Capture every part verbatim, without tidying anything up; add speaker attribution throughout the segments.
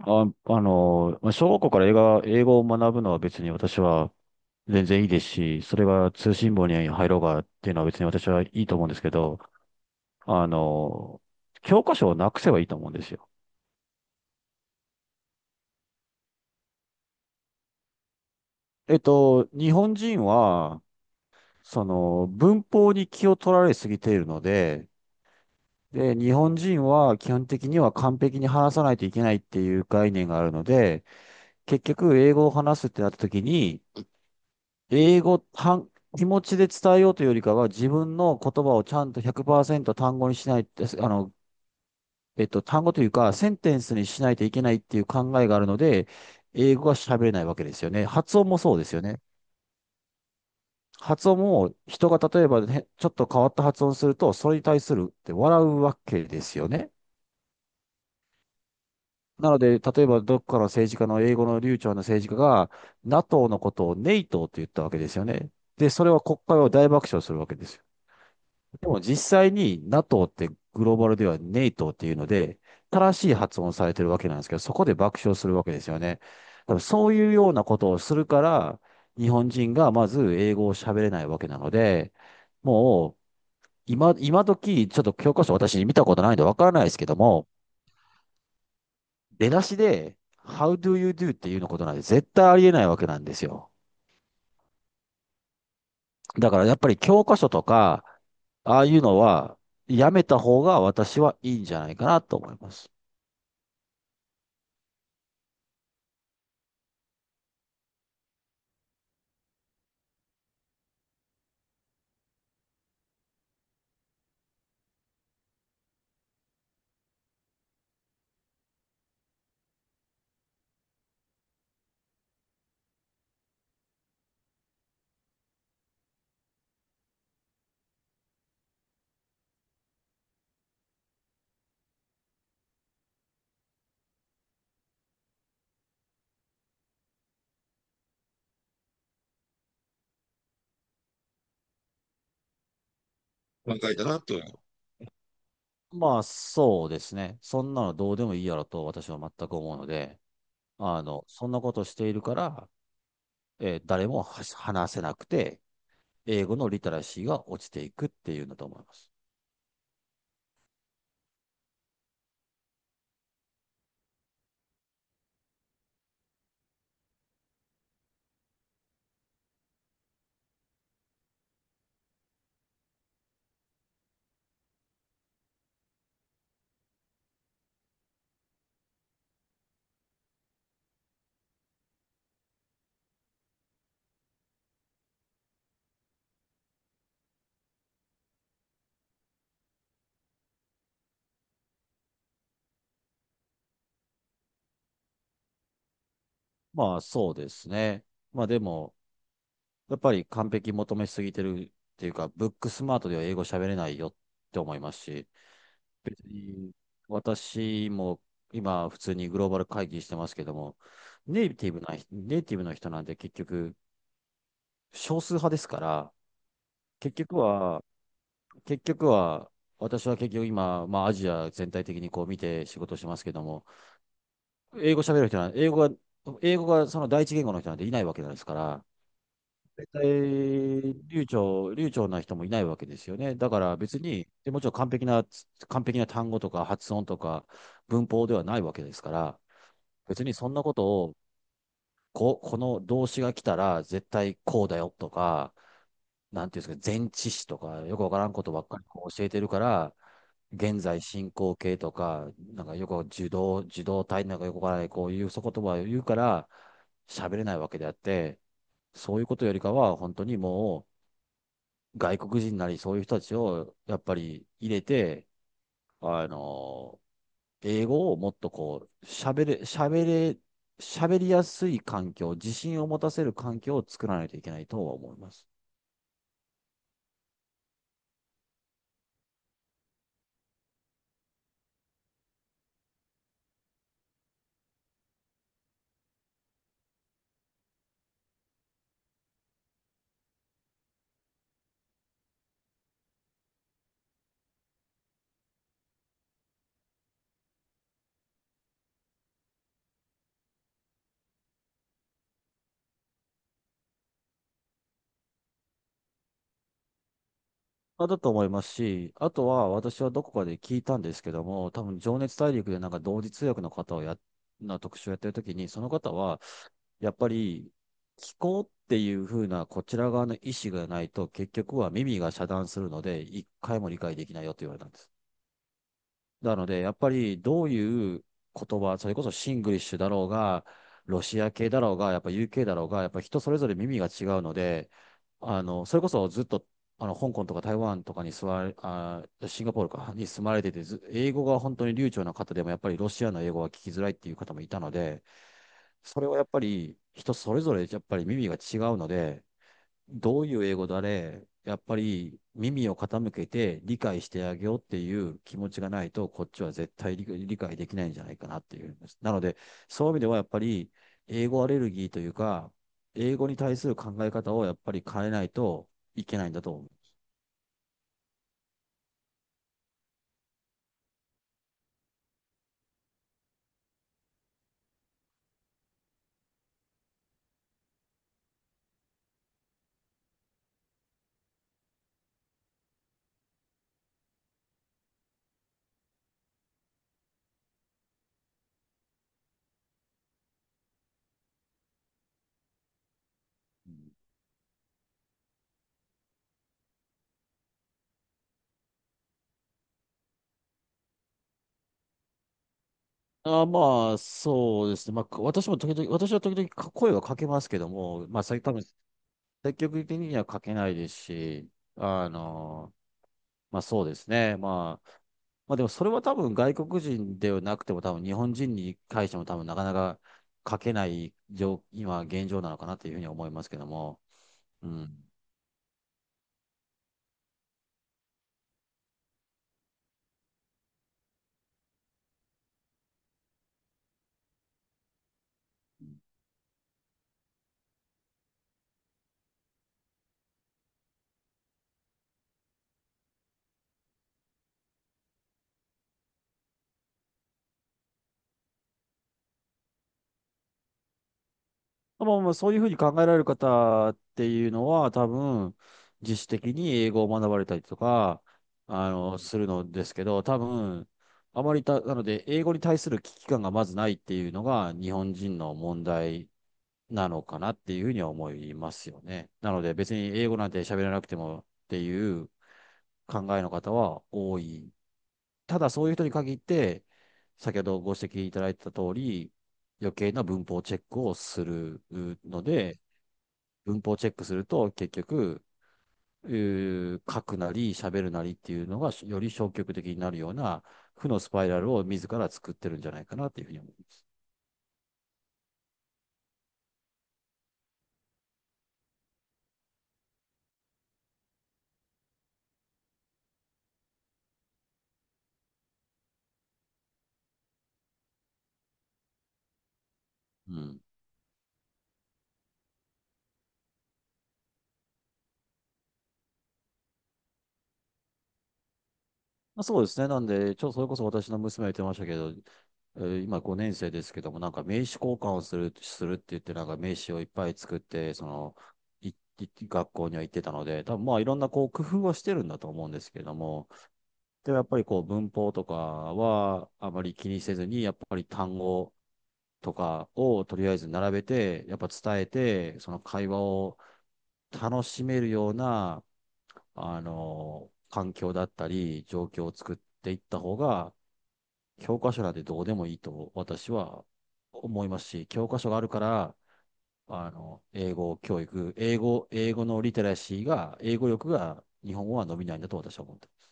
Speaker 1: あ、あの、まあ小学校から英語英語を学ぶのは別に私は全然いいですし、それが通信簿に入ろうがっていうのは別に私はいいと思うんですけど、あの、教科書をなくせばいいと思うんですよ。えっと、日本人は、その、文法に気を取られすぎているので、で、日本人は基本的には完璧に話さないといけないっていう概念があるので、結局、英語を話すってなった時に、英語、単気持ちで伝えようというよりかは、自分の言葉をちゃんとひゃくパーセント単語にしない、あの、えっと、単語というか、センテンスにしないといけないっていう考えがあるので、英語が喋れないわけですよね。発音もそうですよね。発音も人が例えば、ね、ちょっと変わった発音すると、それに対するって笑うわけですよね。なので、例えばどっかの政治家の英語の流暢な政治家が、NATO のことをネイトと言ったわけですよね。で、それは国会を大爆笑するわけですよ。でも実際に NATO ってグローバルではネイトっていうので、正しい発音されてるわけなんですけど、そこで爆笑するわけですよね。多分そういうようなことをするから、日本人がまず英語を喋れないわけなので、もう今、今時、ちょっと教科書私見たことないんでわからないですけども、出だしで、How do you do っていうのことなんで絶対ありえないわけなんですよ。だからやっぱり教科書とか、ああいうのはやめた方が私はいいんじゃないかなと思います。考えたなと。まあ、そうですね。そんなのどうでもいいやろと私は全く思うので、あの、そんなことしているから、えー誰もはし話せなくて、英語のリテラシーが落ちていくっていうのだと思います。まあ、そうですね。まあ、でも、やっぱり完璧求めすぎてるっていうか、ブックスマートでは英語喋れないよって思いますし、別に私も今、普通にグローバル会議してますけども、ネイティブな、ネイティブの人なんで結局、少数派ですから、結局は、結局は、私は結局今、まあアジア全体的にこう見て仕事してますけども、英語喋る人は、英語が、英語がその第一言語の人なんていないわけなんですから、絶対流暢、流暢な人もいないわけですよね。だから別に、でもちろん完璧な、完璧な単語とか発音とか文法ではないわけですから、別にそんなことを、こ、この動詞が来たら絶対こうだよとか、なんていうんですか、前置詞とか、よくわからんことばっかりこう教えてるから、現在進行形とか、なんかよく受動、受動体なんかよくわからない、こういうそ言葉を言うから、喋れないわけであって、そういうことよりかは、本当にもう、外国人なりそういう人たちを、やっぱり入れて、あの、英語をもっとこう、喋れ、喋れ、喋りやすい環境、自信を持たせる環境を作らないといけないとは思います。あ、だと思いますし、あとは私はどこかで聞いたんですけども、多分情熱大陸でなんか同時通訳の方をやっ、な特集をやってるときに、その方は、やっぱり聞こうっていう風なこちら側の意思がないと、結局は耳が遮断するので、一回も理解できないよって言われたんです。なので、やっぱりどういう言葉、それこそシングリッシュだろうが、ロシア系だろうが、やっぱ ユーケー だろうが、やっぱ人それぞれ耳が違うので、あの、それこそずっと、あの、香港とか台湾とかに座れ、あー、シンガポールかに住まれてて、ず英語が本当に流暢な方でも、やっぱりロシアの英語は聞きづらいっていう方もいたので、それはやっぱり人それぞれやっぱり耳が違うので、どういう英語だれ、やっぱり耳を傾けて理解してあげようっていう気持ちがないと、こっちは絶対理解できないんじゃないかなっていうんです。なので、そういう意味ではやっぱり、英語アレルギーというか、英語に対する考え方をやっぱり変えないといけないんだと思う。あーまあ、そうですね。まあ、私も時々、私は時々か声はかけますけども、まあ、さ多分積極的にはかけないですし、あのまあそうですね。まあ、まあでもそれは多分外国人ではなくても多分日本人に対しても多分なかなか書けない状今現状なのかなというふうに思いますけども。うん。まあまあそういうふうに考えられる方っていうのは多分自主的に英語を学ばれたりとか、あの、するのですけど、多分あまりた、なので英語に対する危機感がまずないっていうのが日本人の問題なのかなっていうふうには思いますよね。なので別に英語なんて喋らなくてもっていう考えの方は多い。ただそういう人に限って、先ほどご指摘いただいた通り、余計な文法チェックをするので、文法チェックすると結局、うー書くなり喋るなりっていうのがより消極的になるような負のスパイラルを自ら作ってるんじゃないかなっていうふうに思います。うん、まあそうですね。なんで、ちょっとそれこそ私の娘が言ってましたけど、えー今ごねん生ですけども、なんか名刺交換をする、するって言って、なんか名刺をいっぱい作って、その、い、い学校には行ってたので、多分まあいろんなこう工夫はしてるんだと思うんですけれども、でもやっぱりこう文法とかはあまり気にせずに、やっぱり単語とかをとりあえず並べて、やっぱ伝えて、その会話を楽しめるようなあの、環境だったり、状況を作っていった方が、教科書なんてどうでもいいと私は思いますし、教科書があるから、あの、英語教育、英語、英語のリテラシーが、英語力が日本語は伸びないんだと私は思ってます。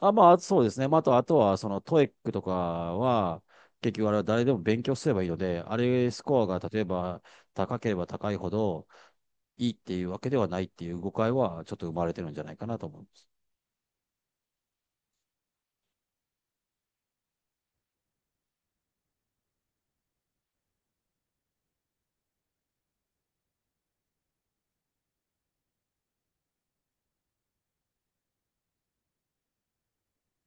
Speaker 1: あ、まあ、そうですね。まあ、あと、あとは、その、トエックとかは、結局あれは誰でも勉強すればいいので、あれスコアが例えば高ければ高いほどいいっていうわけではないっていう誤解はちょっと生まれてるんじゃないかなと思います。